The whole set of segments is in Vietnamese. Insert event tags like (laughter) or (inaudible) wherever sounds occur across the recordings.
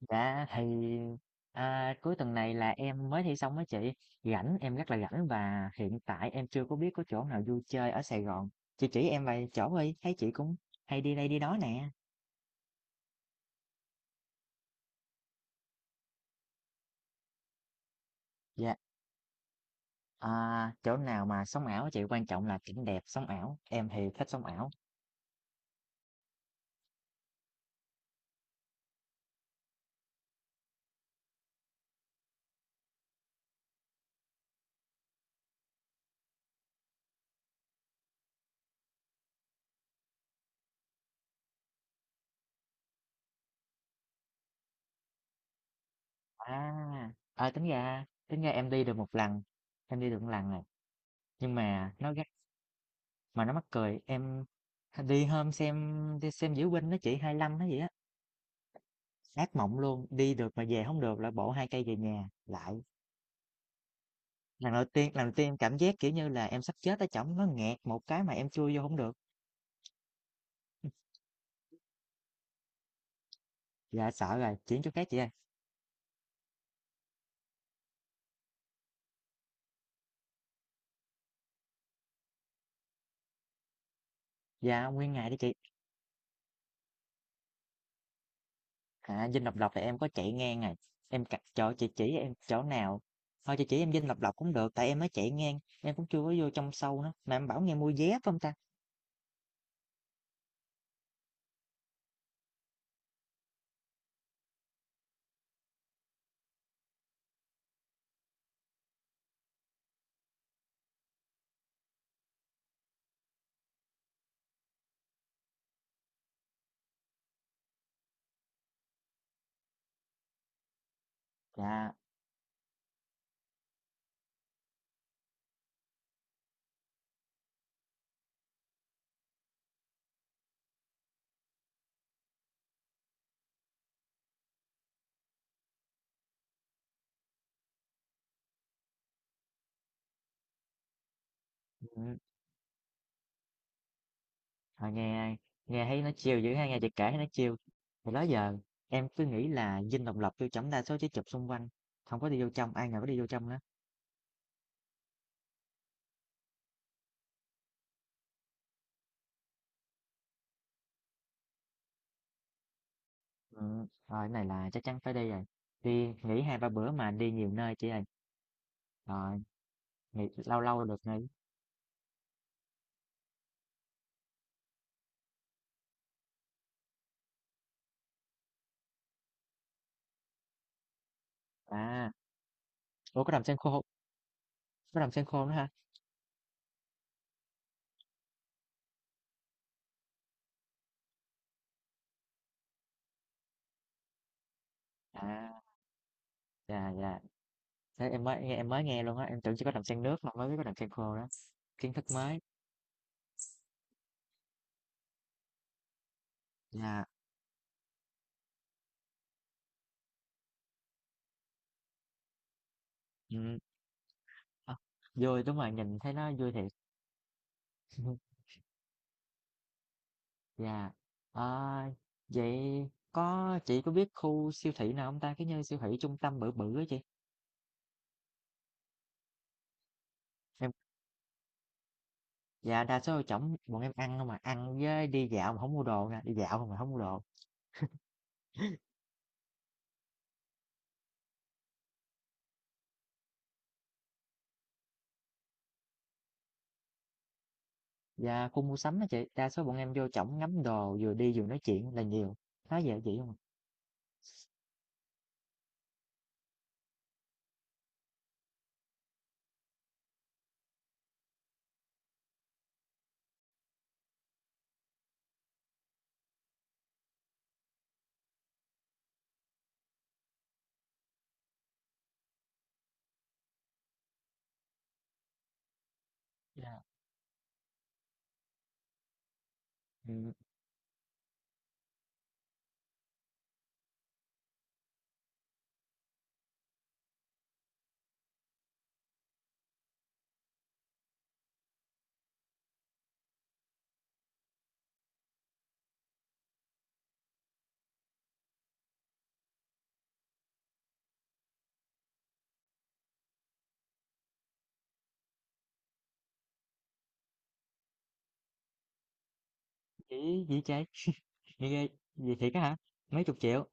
Dạ thì, à, cuối tuần này là em mới thi xong á chị, rảnh em rất là rảnh và hiện tại em chưa có biết có chỗ nào vui chơi ở Sài Gòn. Chị chỉ em vài chỗ đi, thấy chị cũng hay đi đây đi đó nè. Dạ, à, chỗ nào mà sống ảo á chị quan trọng là cảnh đẹp sống ảo. Em thì thích sống ảo. À, à tính ra em đi được một lần, em đi được một lần này. Nhưng mà nó gắt mà nó mắc cười, em đi hôm xem đi xem diễu binh đó chị 25 nó vậy á. Ác mộng luôn, đi được mà về không được là bổ 2 cây về nhà lại. Lần đầu tiên em cảm giác, kiểu như là, em sắp chết ở trỏng nó nghẹt một cái mà em chui vô không được. Dạ sợ rồi, chuyển chỗ khác chị ơi. Dạ nguyên ngày đi chị, à, Dinh Độc Lập thì em có chạy ngang này em c chỗ chị chỉ em chỗ nào? Thôi chị chỉ em Dinh Độc Lập cũng được, tại em mới chạy ngang, em cũng chưa có vô trong sâu nữa, mà em bảo nghe mua vé phải hông ta? Dạ, ừm. Ờ, nghe nghe thấy nó chiều dữ ha, nghe chị kể thấy nó chiều. Thì đó giờ em cứ nghĩ là dinh độc lập tiêu chấm đa số chỉ chụp xung quanh, không có đi vô trong, ai ngờ có đi vô trong đó. Ừ, rồi cái này là chắc chắn phải đi rồi. Đi nghỉ hai ba bữa mà đi nhiều nơi chị ơi. Rồi, nghỉ, lâu lâu được nghỉ. À, ủa có đầm sen khô, có đầm sen khô nữa ha. À, dạ dạ. Thế em mới nghe luôn á, em tưởng chỉ có đầm sen nước mà mới biết có đầm sen khô đó. Kiến thức mới. Dạ. Ừ. Ờ, vui đúng rồi, nhìn thấy nó vui thiệt. (laughs) Dạ. Ờ, vậy có chị có biết khu siêu thị nào hông ta? Cái như siêu thị trung tâm bự bự á chị. Em dạ, đa số trỏng bọn em ăn hông à, ăn với đi dạo mà không mua đồ nè, đi dạo không mà không mua đồ. Dạ, khu mua sắm á chị, đa số bọn em vô trỏng ngắm đồ, vừa đi vừa nói chuyện là nhiều. Nói vậy chị hông à? Dạ. Ừm, chỉ gì trời? (laughs) Nghe ghê, vậy thiệt á hả? Mấy chục triệu?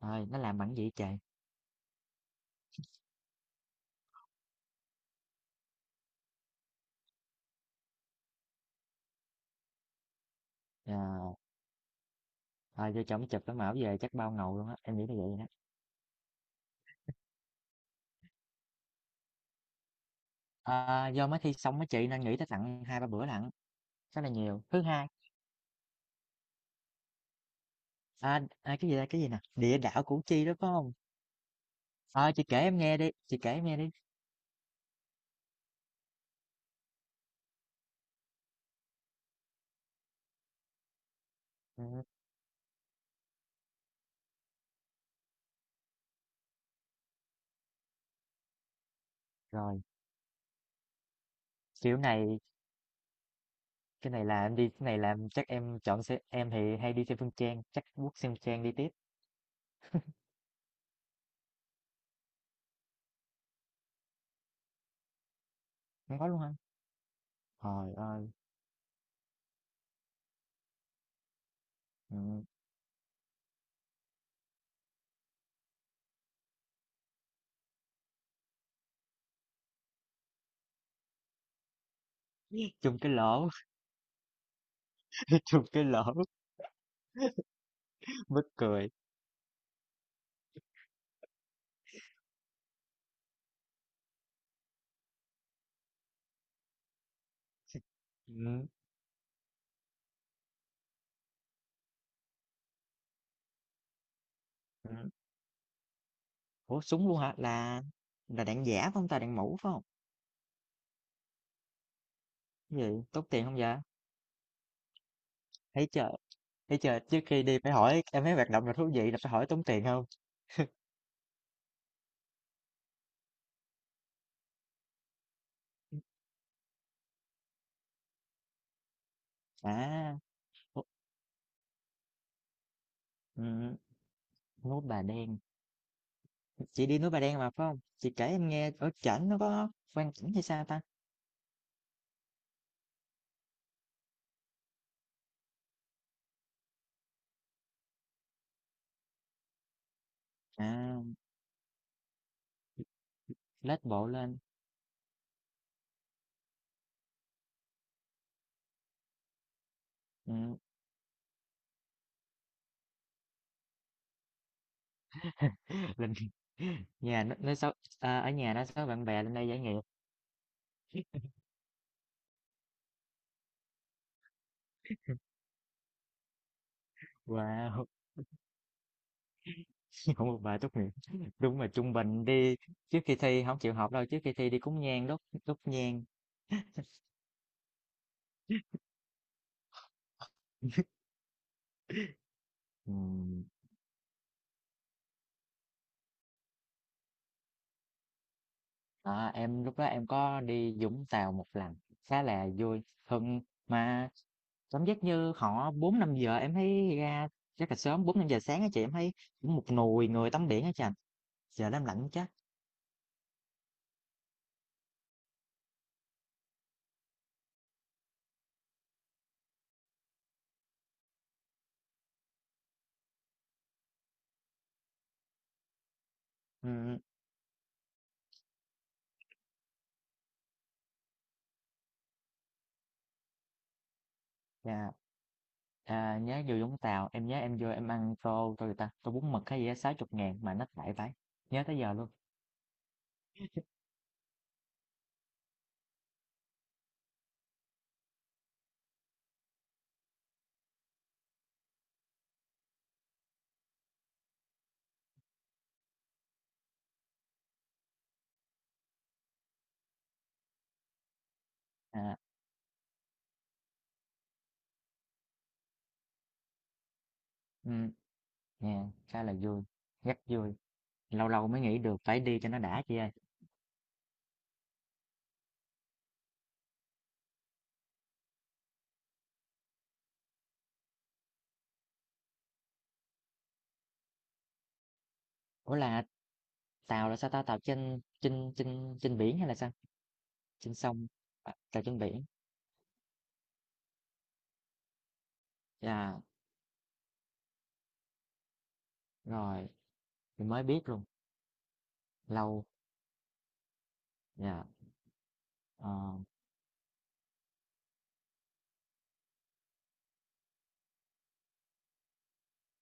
Rồi nó làm bằng gì vậy trời? Ờ, vô trỏng chụp cái mẫu về chắc bao ngầu luôn á, em nghĩ là vậy đó. À, do mới thi xong á chị, nên nghĩ tới tặng hai ba bữa lận, khá là nhiều. Thứ Hai, à, à, cái gì đây, cái gì nè, địa đạo Củ Chi đó phải không? Ờ, chị kể em nghe đi, chị kể em nghe đi. Ừ, rồi, kiểu này, cái này là em đi, cái này là em- chắc em chọn xe, em thì hay đi xe Phương Trang, chắc quốc xe Phương Trang đi tiếp. Em có luôn không? Trời ơi, ừ. Chung cái lỗ, (laughs) chung cái lỗ, (laughs) mắc cười. Ừ. Ừ. Ủa, súng luôn hả? Là đạn giả phải không ta, đạn mũ phải không? Cái gì, tốn tiền không vậy? Thấy chưa? Thế chờ trước khi đi phải hỏi em thấy hoạt động nào thú vị là phải hỏi tốn tiền không? À, ô, ừm, núi Bà Đen, chị đi núi Bà Đen mà, phải không? Chị kể em nghe ở trển nó có quan cảnh hay sao ta? À, lết bộ lên, ừm, (laughs) lên nhà nó xấu à, ở nhà nó xấu bạn bè lên đây giải nghiệp. Wow! (laughs) không một bài tốt nghiệp, đúng là trung bình đi, trước khi thi không chịu học đâu, trước khi thi đi cúng nhang, đốt đốt nhang. (laughs) Ừm. À, em lúc đó em có đi Vũng Tàu một lần khá là vui hơn mà cảm giác như họ bốn năm giờ em thấy ra rất là sớm bốn năm giờ sáng á chị em thấy cũng một nùi người tắm biển á chị giờ đó em lạnh chết ừ, dạ. À, nhớ vô Vũng Tàu em nhớ em vô em ăn tô tô gì ta tô bún mực hay gì á sáu chục ngàn mà nó lại phải nhớ tới giờ luôn. À, ừ, dạ, khá là vui rất vui lâu lâu mới nghĩ được phải đi cho nó đã chị ơi. Ủa là tàu là sao ta? Tàu trên trên trên trên biển hay là sao? Trên sông? À, tàu trên biển. Dạ, rồi, mình mới biết luôn, lâu. Dạ, ờ,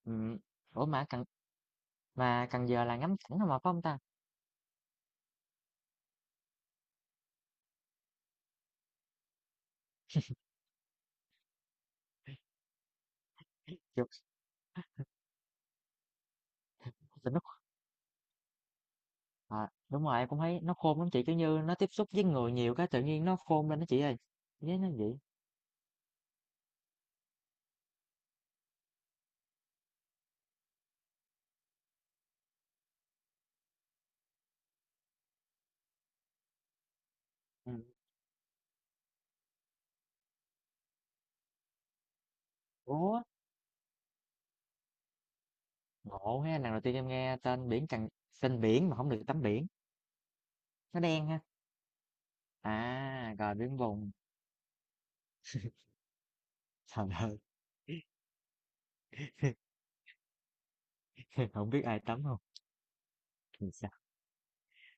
ừm, ủa mà Cần Giờ là ngắm cảnh không mà, phải không ta? Kiểu, tụi nó ờ, đúng rồi, em cũng thấy nó khôn lắm chị, kiểu như nó tiếp xúc với người nhiều cái tự nhiên nó khôn lên đó chị ơi. Với nó vậy. Ừm. Ủa, ngộ ha, lần đầu tiên em nghe tên biển mà không được tắm biển, nó đen ha. À, rồi biển vùng. Trời ơi, (laughs) không biết ai tắm không?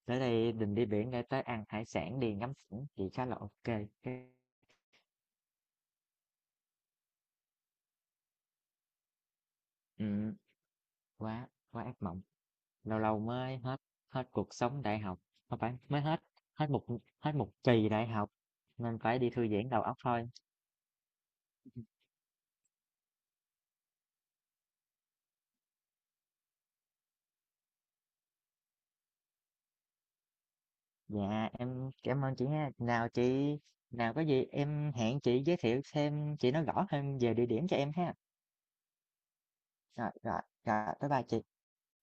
Tới đây mình đi biển để tới ăn hải sản đi ngắm cảnh thì khá là ok. Cái- Ừ, quá quá ác mộng. Lâu lâu mới hết hết cuộc sống đại học, không phải mới hết hết một hết một kỳ đại học nên phải đi thư giãn đầu óc thôi. Dạ em cảm ơn chị ha. Nào chị nào có gì em hẹn chị giới thiệu thêm chị nói rõ hơn về địa điểm cho em ha. Rồi rồi rồi bye bye chị.